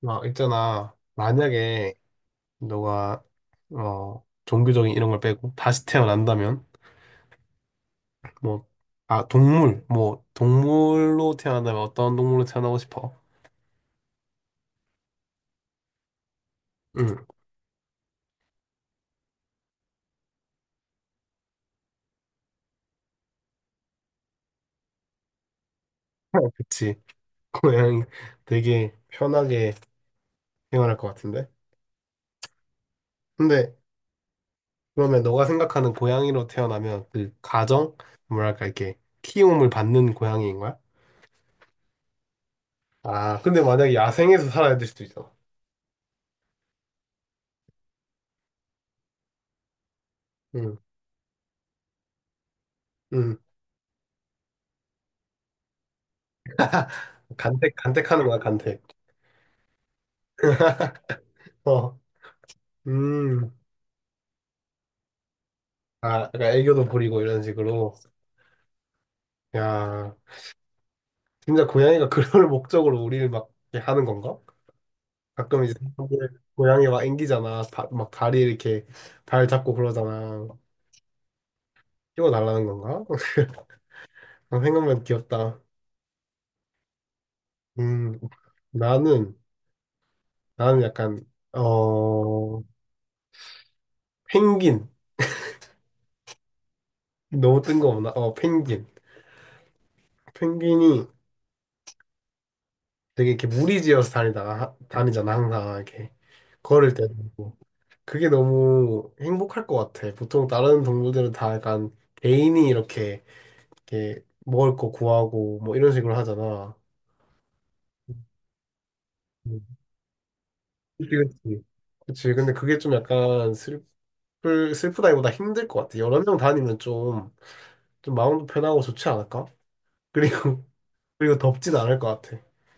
막 있잖아. 만약에 너가 종교적인 이런 걸 빼고 다시 태어난다면 뭐 동물 뭐 동물로 태어난다면 어떤 동물로 태어나고 싶어? 응. 그치. 그 고양이 되게 편하게 생활할 것 같은데. 근데 그러면 너가 생각하는 고양이로 태어나면 그 가정 뭐랄까 이렇게 키움을 받는 고양이인 거야? 아, 근데 만약에 야생에서 살아야 될 수도 있잖아. 응, 응. 간택 간택하는 거야, 간택. 어. 음. 아, 그러니까 애교도 부리고 이런 식으로. 야, 진짜 고양이가 그럴 목적으로 우리를 막 이렇게 하는 건가? 가끔 이제 사람들 고양이 막 앵기잖아. 다, 막 다리 이렇게 발 잡고 그러잖아. 키워달라는 건가? 생각만 귀엽다. 음, 나는, 나는 약간, 어, 펭귄. 너무 뜬금없나? 펭귄. penguin. 펭귄이 되게 이렇게 무리지어서 다니잖아, 항상. 이렇게 걸을 때도. 그게 너무 행복할 것 같아. 보통 다른 동물들은 다 약간 개인이 이렇게, 이렇게 먹을 거 구하고 뭐 이런 식으로 하잖아. 음. 그치, 그치. 그치. 근데 그게 좀 약간 슬프다기보다 힘들 것 같아. 여러 명 다니면 좀, 좀 마음도 편하고 좋지 않을까? 그리고, 그리고 덥진 않을 것 같아.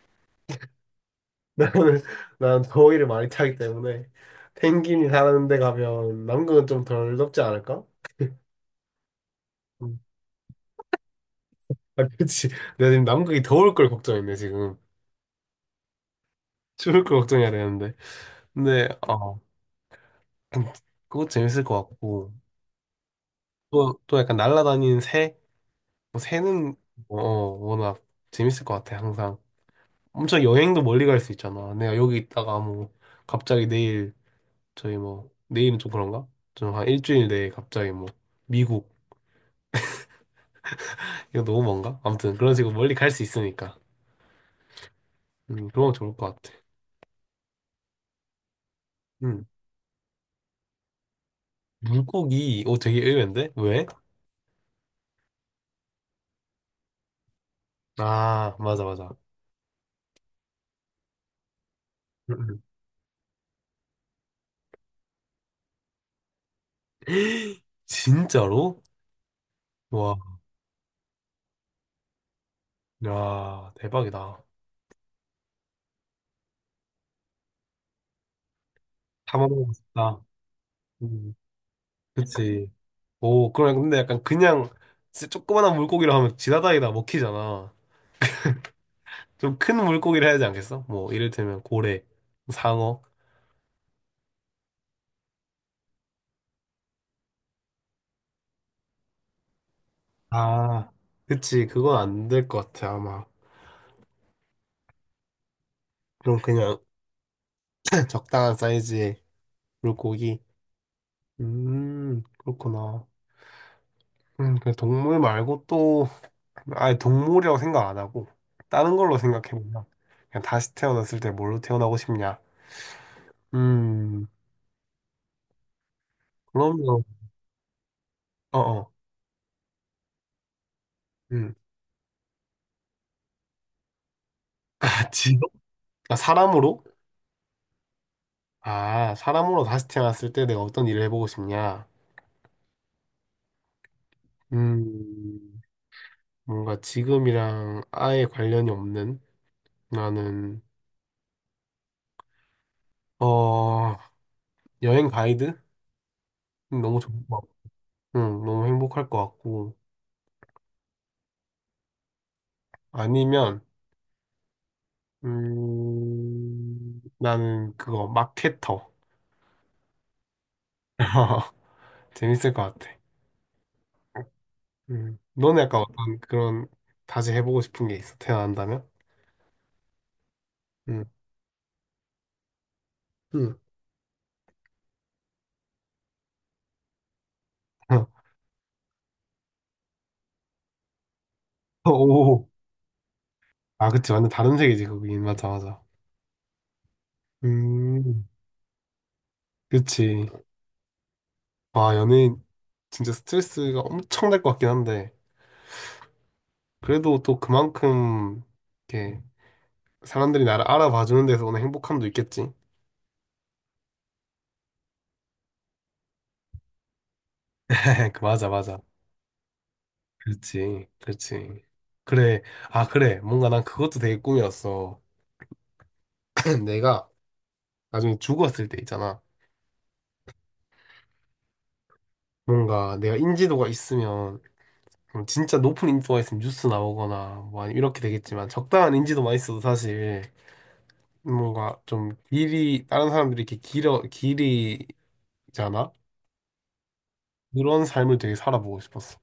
나는, 난 더위를 많이 타기 때문에 펭귄이 사는 데 가면 남극은 좀 덜 덥지 않을까? 음. 아, 그치. 내가 지금 남극이 더울 걸 걱정했네, 지금. 죽을 걸 걱정해야 되는데. 근데, 어, 그거 재밌을 것 같고. 또 약간 날아다니는 새? 뭐 새는, 워낙 재밌을 것 같아, 항상. 엄청 여행도 멀리 갈 수 있잖아. 내가 여기 있다가 뭐, 갑자기 내일, 저희 뭐, 내일은 좀 그런가? 좀 한 일주일 내에 갑자기 뭐, 미국. 이거 너무 먼가? 아무튼 그런 식으로 멀리 갈 수 있으니까. 그런 거 좋을 것 같아. 음. 물고기, 오, 되게 의외인데? 왜? 아, 맞아, 맞아. 음, 음. 진짜로? 야, 대박이다. 다 먹어보고 싶다. 음, 그치. 오, 그럼 근데 약간 그냥 진짜 조그만한 물고기로 하면 지나다니다 먹히잖아. 좀 큰 물고기를 해야 되지 않겠어? 뭐, 이를테면 고래, 상어. 아, 그치. 그건 안 될 것 같아, 아마. 그럼 그냥 적당한 사이즈의 물고기. 그렇구나. 그 동물 말고 또, 아예 동물이라고 생각 안 하고, 다른 걸로 생각해보면, 그냥 다시 태어났을 때 뭘로 태어나고 싶냐. 음. 그럼요. 어어. 음. 아, 직업? 아, 사람으로? 아, 사람으로 다시 태어났을 때 내가 어떤 일을 해보고 싶냐? 음, 뭔가 지금이랑 아예 관련이 없는 나는, 어, 여행 가이드? 너무 좋을 것 같고, 응, 너무 행복할 것 같고. 아니면, 나는 그거, 마케터. 재밌을 것 같아. 너는 약간 어떤 그런, 다시 해보고 싶은 게 있어, 태어난다면? 음. 음. 오, 아, 그치. 완전 다른 세계지, 거긴. 맞아, 맞아. 음, 그치. 와, 연예인, 진짜 스트레스가 엄청 날 것 같긴 한데, 그래도 또 그만큼, 이렇게, 사람들이 나를 알아봐주는 데서 오는 행복함도 있겠지. 그, 맞아, 맞아. 그렇지, 그렇지. 그래, 아, 그래. 뭔가 난 그것도 되게 꿈이었어. 내가 나중에 죽었을 때 있잖아. 뭔가 내가 인지도가 있으면, 진짜 높은 인지도가 있으면 뉴스 나오거나, 뭐, 아니면 이렇게 되겠지만, 적당한 인지도만 있어도 사실, 뭔가 좀 길이 다른 사람들이 이렇게 길어 길이잖아. 그런 삶을 되게 살아보고 싶었어.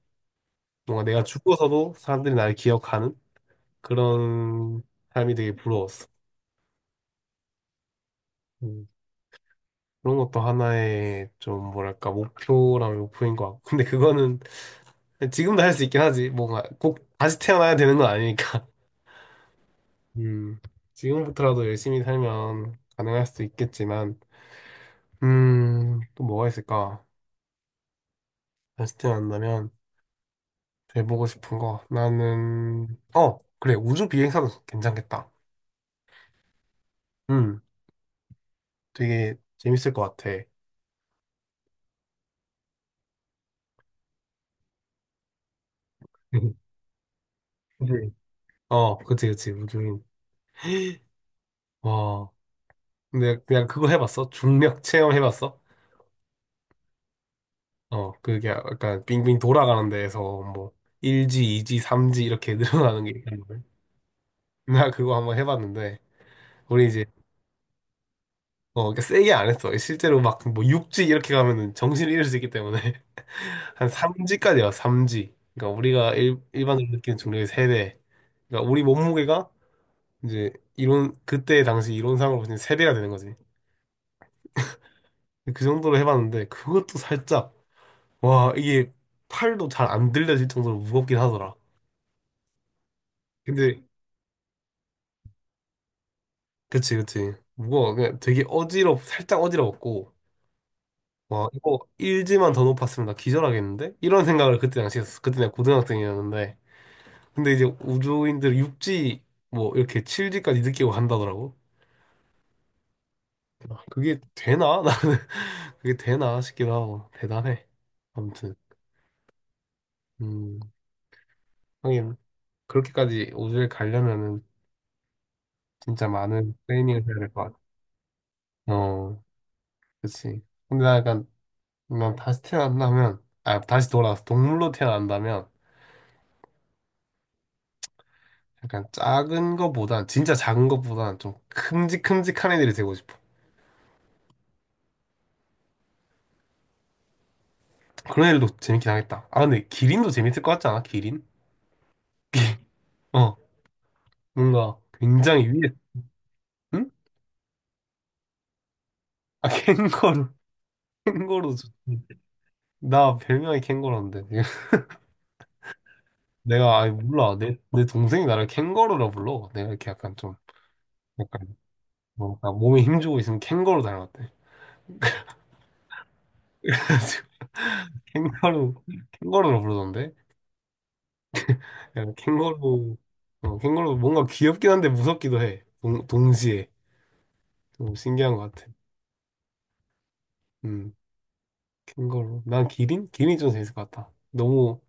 뭔가 내가 죽어서도 사람들이 나를 기억하는 그런 삶이 되게 부러웠어. 음, 그런 것도 하나의 좀 뭐랄까 목표라면 목표인 것 같고. 근데 그거는 지금도 할 수 있긴 하지. 뭔가 꼭 다시 태어나야 되는 건 아니니까. 음, 지금부터라도 열심히 살면 가능할 수도 있겠지만. 또 뭐가 있을까, 다시 태어난다면 해보고 싶은 거. 나는, 어, 그래. 우주 비행사도 괜찮겠다. 음, 되게 재밌을 것 같아. 그치? 어, 그치, 그치. 우주인. 와. 근데 그냥 그거 해봤어? 중력 체험 해봤어? 어, 그게 약간 빙빙 돌아가는 데에서 뭐, 1지, 2지, 3지 이렇게 늘어나는 게 있다는 거야. 나 그거 한번 해봤는데, 우리 이제 어, 그러니까 세게 안 했어. 실제로 막 그 뭐 6지 이렇게 가면은 정신을 잃을 수 있기 때문에 한 3지까지. 와, 3지. 그러니까 우리가 일반적으로 느끼는 중량의 3배. 그러니까 우리 몸무게가 이제 이론, 그때 당시 이론상으로 보면 3배가 되는 거지. 그 정도로 해봤는데 그것도 살짝, 와, 이게 팔도 잘 안 들려질 정도로 무겁긴 하더라. 근데, 그치, 그치. 무거워. 그냥 되게 살짝 어지러웠고. 와, 이거 1지만 더 높았으면 나 기절하겠는데? 이런 생각을 그때 당시 했어. 그때 내가 고등학생이었는데. 근데 이제 우주인들 6지, 뭐, 이렇게 7지까지 느끼고 간다더라고. 아, 그게 되나? 나는 그게 되나 싶기도 하고. 대단해. 아무튼, 음, 하긴, 그렇게까지 우주에 가려면은 진짜 많은 트레이닝을 해야 될 것 같아. 어, 그치. 근데 나 약간, 난 다시 태어난다면, 아, 다시 돌아와서 동물로 태어난다면, 약간 작은 거보단 진짜 작은 거보단 좀 큼직큼직한 애들이 되고 싶어. 그런 애들도 재밌긴 하겠다. 아 근데 기린도 재밌을 것 같지 않아? 기린? 어, 뭔가 굉장히 위에. 응? 아, 캥거루. 캥거루 좋지. 나 별명이 캥거루인데. 내가 아니 몰라. 내 동생이 나를 캥거루라 불러. 내가 이렇게 약간 좀 약간 뭔가 몸에 힘주고 있으면 캥거루 닮았대. 그래가지고 캥거루, 캥거루라 부르던데. 약간 캥거루. 어, 캥거루 뭔가 귀엽긴 한데 무섭기도 해. 동시에. 좀 신기한 것 같아. 음, 큰 걸로. 난 기린? 기린이 좀 재밌을 것 같다. 너무,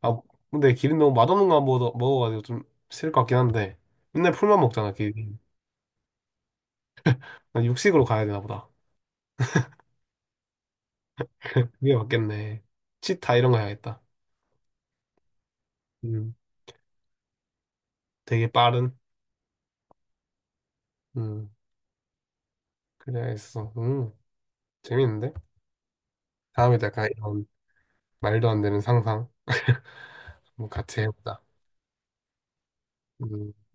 아, 근데 기린 너무 맛없는 거 먹어가지고 좀 싫을 것 같긴 한데. 맨날 풀만 먹잖아, 기린. 난 육식으로 가야 되나 보다. 그게 맞겠네. 치타 이런 거 해야겠다. 음, 되게 빠른. 음, 그래야겠어. 재밌는데? 다음에 약간 이런 말도 안 되는 상상. 뭐 같이 해보자. 음.